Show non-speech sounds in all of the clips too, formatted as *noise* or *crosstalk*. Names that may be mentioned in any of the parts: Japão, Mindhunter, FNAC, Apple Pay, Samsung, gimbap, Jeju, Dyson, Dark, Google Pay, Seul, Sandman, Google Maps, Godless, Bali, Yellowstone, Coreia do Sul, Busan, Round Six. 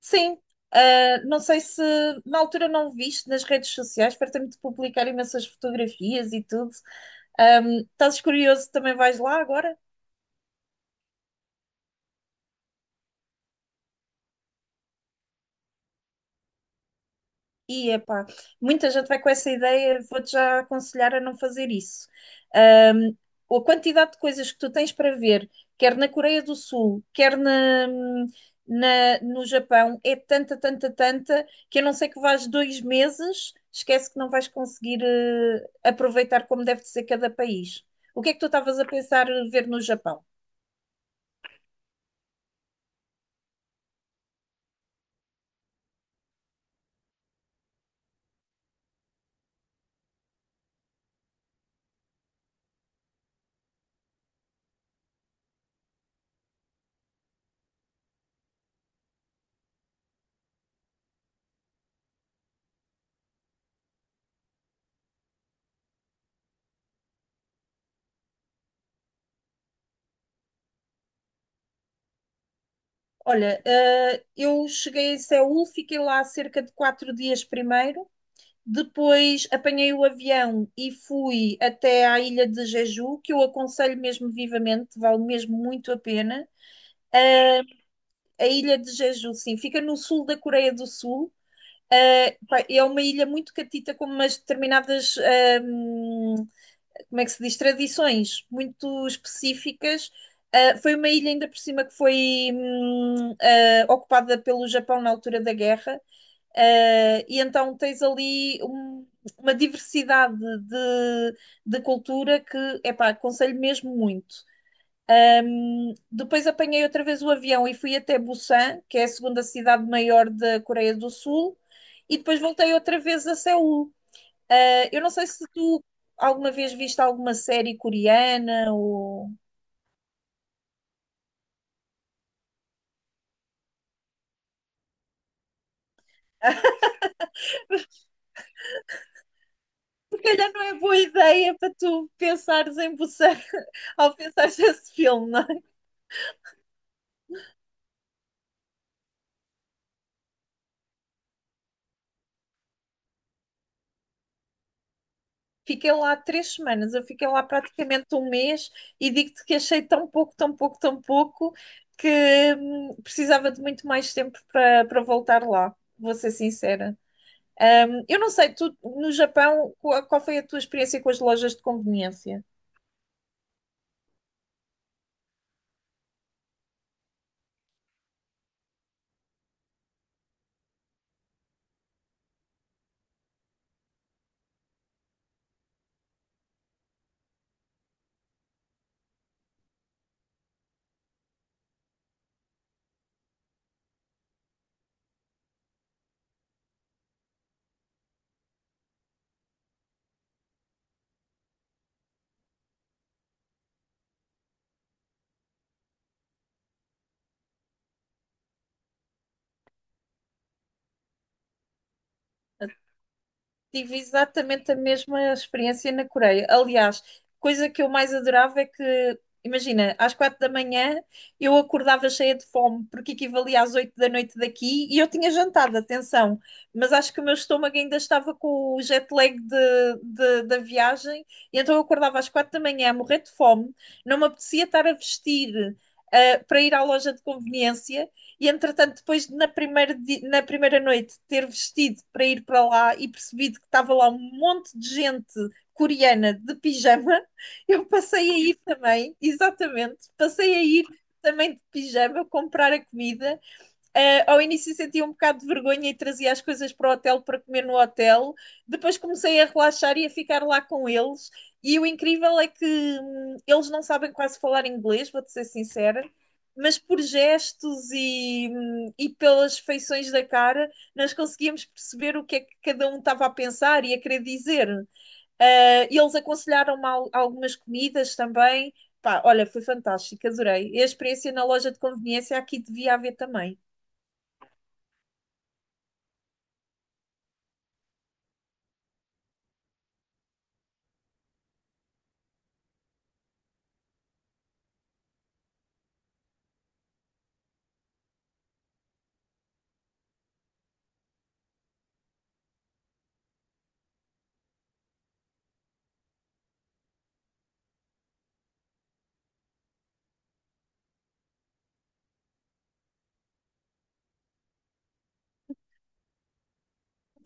Sim. Não sei se na altura não viste nas redes sociais, fartei-me de publicar imensas fotografias e tudo. Estás curioso, também vais lá agora? E epá, muita gente vai com essa ideia, vou-te já aconselhar a não fazer isso. Ahm, a quantidade de coisas que tu tens para ver, quer na Coreia do Sul, quer no Japão, é tanta, tanta, tanta, que a não ser que vás dois meses, esquece que não vais conseguir aproveitar como deve de ser cada país. O que é que tu estavas a pensar ver no Japão? Olha, eu cheguei a Seul, fiquei lá cerca de quatro dias primeiro, depois apanhei o avião e fui até à ilha de Jeju, que eu aconselho mesmo vivamente, vale mesmo muito a pena. Eh, a ilha de Jeju, sim, fica no sul da Coreia do Sul. Eh pá, é uma ilha muito catita, com umas determinadas como é que se diz, tradições muito específicas. Foi uma ilha ainda por cima que foi ocupada pelo Japão na altura da guerra. E então tens ali uma diversidade de cultura que, epá, aconselho mesmo muito. Depois apanhei outra vez o avião e fui até Busan, que é a segunda cidade maior da Coreia do Sul, e depois voltei outra vez a Seul. Eu não sei se tu alguma vez viste alguma série coreana ou. Se calhar não é boa ideia para tu pensares em Busan *laughs* ao pensares nesse filme, não é? Fiquei lá três semanas, eu fiquei lá praticamente um mês, e digo-te que achei tão pouco, tão pouco, tão pouco que precisava de muito mais tempo para voltar lá. Vou ser sincera. Eu não sei, tu no Japão, qual foi a tua experiência com as lojas de conveniência? Tive exatamente a mesma experiência na Coreia. Aliás, coisa que eu mais adorava é que, imagina, às quatro da manhã eu acordava cheia de fome, porque equivalia às oito da noite daqui e eu tinha jantado, atenção. Mas acho que o meu estômago ainda estava com o jet lag da viagem, e então eu acordava às quatro da manhã a morrer de fome, não me apetecia estar a vestir, para ir à loja de conveniência. E entretanto, depois na na primeira noite ter vestido para ir para lá e percebido que estava lá um monte de gente coreana de pijama, *laughs* eu passei a ir também, exatamente, passei a ir também de pijama comprar a comida. Ao início sentia um bocado de vergonha e trazia as coisas para o hotel para comer no hotel. Depois comecei a relaxar e a ficar lá com eles. E o incrível é que eles não sabem quase falar inglês, vou-te ser sincera, mas por gestos e pelas feições da cara, nós conseguíamos perceber o que é que cada um estava a pensar e a querer dizer. Eles aconselharam-me algumas comidas também. Pá, olha, foi fantástico, adorei. E a experiência na loja de conveniência aqui devia haver também.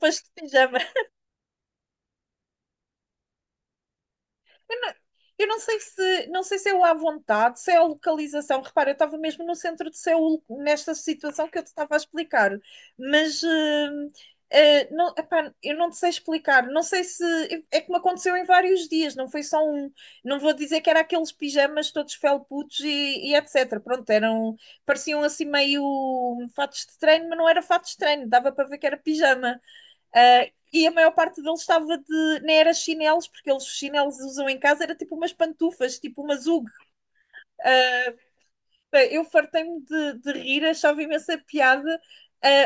Pois, de pijama. Eu não, eu não sei se, não sei se é o à vontade, se é a localização. Repara, eu estava mesmo no centro de Seul, nesta situação que eu te estava a explicar. Mas não, epá, eu não te sei explicar. Não sei se. É que me aconteceu em vários dias, não foi só um. Não vou dizer que era aqueles pijamas todos felputos e etc. Pronto, eram. Pareciam assim meio fatos de treino, mas não era fatos de treino, dava para ver que era pijama. E a maior parte deles estava de, nem era chinelos, porque eles os chinelos usam em casa, era tipo umas pantufas, tipo umas UG. Uh, eu fartei-me de rir, achava imensa piada.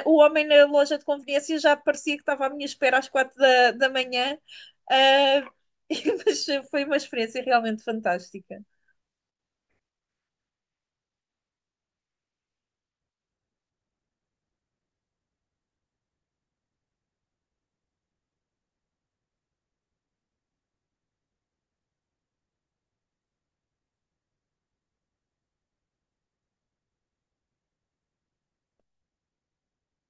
O homem na loja de conveniência já parecia que estava à minha espera às quatro da manhã, uh, *laughs* mas foi uma experiência realmente fantástica.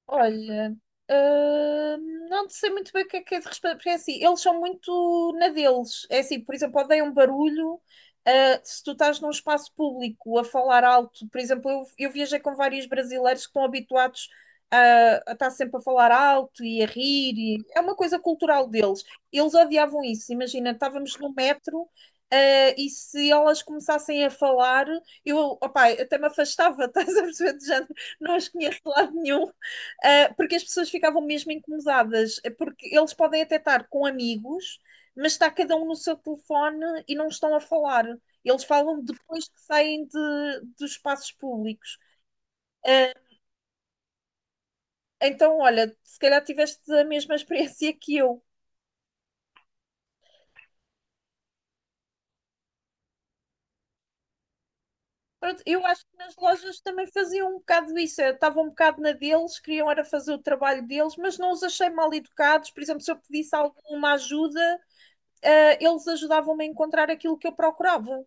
Olha, não sei muito bem o que é de responder, porque é assim, eles são muito na deles. É assim, por exemplo, odeiam barulho. Se tu estás num espaço público a falar alto, por exemplo, eu viajei com vários brasileiros que estão habituados a estar sempre a falar alto e a rir, é uma coisa cultural deles. Eles odiavam isso. Imagina, estávamos no metro, e se elas começassem a falar, eu, opá, até me afastava, *laughs* estás a perceber? Já não as conheço de lado nenhum. Porque as pessoas ficavam mesmo incomodadas. É porque eles podem até estar com amigos, mas está cada um no seu telefone e não estão a falar. Eles falam depois que saem dos espaços públicos. Uh, então, olha, se calhar tiveste a mesma *laughs* experiência que eu. Pronto, eu acho que nas lojas também faziam um bocado isso, estavam um bocado na deles, queriam era fazer o trabalho deles, mas não os achei mal educados. Por exemplo, se eu pedisse alguma ajuda, eles ajudavam-me a encontrar aquilo que eu procurava.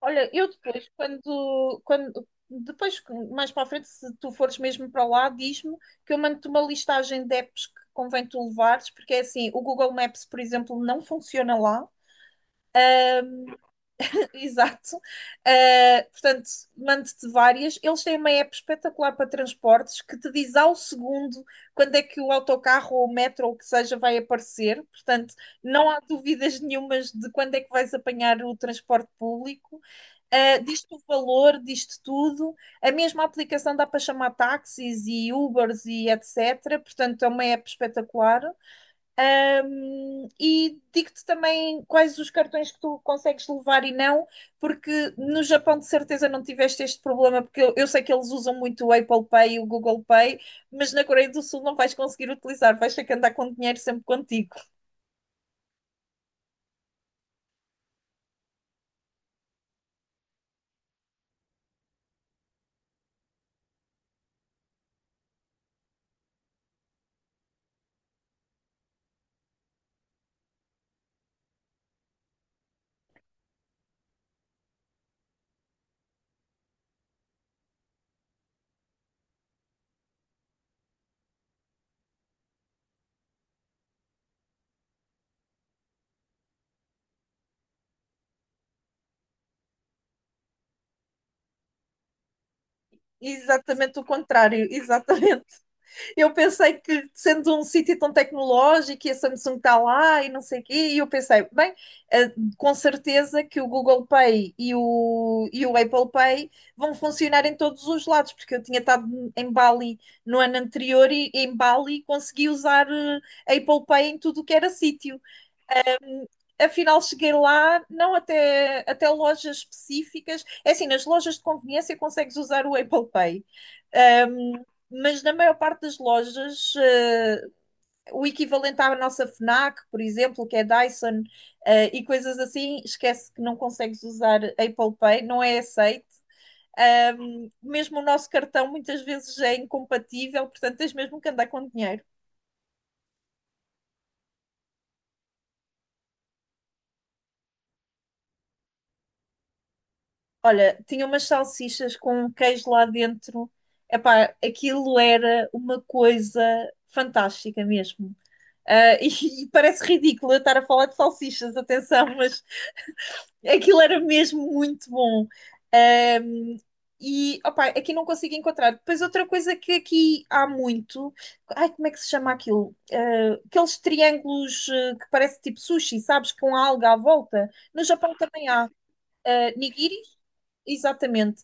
Olha, eu depois, quando depois, mais para a frente, se tu fores mesmo para lá, diz-me que eu mando-te uma listagem de apps que convém tu levares, porque é assim, o Google Maps, por exemplo, não funciona lá. *laughs* Exato. Portanto, mando-te várias. Eles têm uma app espetacular para transportes que te diz ao segundo quando é que o autocarro ou o metro ou o que seja vai aparecer. Portanto, não há dúvidas nenhumas de quando é que vais apanhar o transporte público. Diz-te o valor, diz-te tudo. A mesma aplicação dá para chamar táxis e Ubers e etc. Portanto, é uma app espetacular. E digo-te também quais os cartões que tu consegues levar e não, porque no Japão de certeza não tiveste este problema, porque eu sei que eles usam muito o Apple Pay e o Google Pay, mas na Coreia do Sul não vais conseguir utilizar, vais ter que andar com dinheiro sempre contigo. Exatamente o contrário, *laughs* exatamente. Eu pensei que, sendo um sítio tão tecnológico e a Samsung está lá e não sei o quê, e eu pensei, bem, eh, com certeza que o Google Pay e o Apple Pay vão funcionar em todos os lados, porque eu tinha estado em Bali no ano anterior e em Bali consegui usar Apple Pay em tudo o que era sítio. Afinal cheguei lá, não, até até lojas específicas. É assim, nas lojas de conveniência consegues usar o Apple Pay. Um, mas na maior parte das lojas, o equivalente à nossa FNAC, por exemplo, que é Dyson, e coisas assim, esquece que não consegues usar Apple Pay, não é aceito. Mesmo o nosso cartão muitas vezes é incompatível, portanto tens mesmo que andar com dinheiro. Olha, tinha umas salsichas com um queijo lá dentro. Epá, aquilo era uma coisa fantástica mesmo. *laughs* E, e parece ridículo eu estar a falar de salsichas, atenção, mas aquilo era mesmo muito bom. Ahm, e, opá, aqui não consigo encontrar. Depois outra coisa que aqui há muito. Ai, como é que se chama aquilo? Ah, aqueles triângulos que parece tipo sushi, sabes? Com a alga à volta. No Japão também há nigiris, exatamente.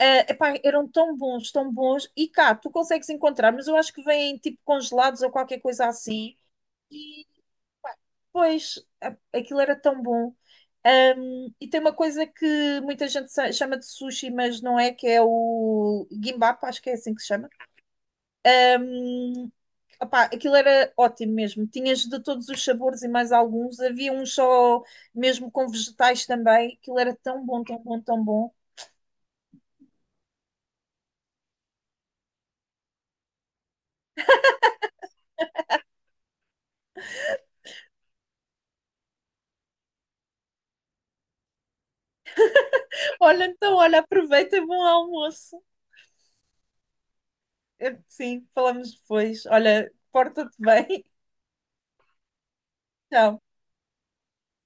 Epá, eram tão bons, tão bons. E cá, tu consegues encontrar, mas eu acho que vêm tipo congelados ou qualquer coisa assim. E depois, aquilo era tão bom. E tem uma coisa que muita gente chama de sushi, mas não é, que é o gimbap, acho que é assim que se chama. Um, Opá, aquilo era ótimo mesmo. Tinhas de todos os sabores e mais alguns. Havia um só mesmo com vegetais também. Aquilo era tão bom, tão bom, tão bom. Olha, então, olha, aproveita e bom almoço. Sim, falamos depois. Olha, porta-te bem. *laughs* Tchau.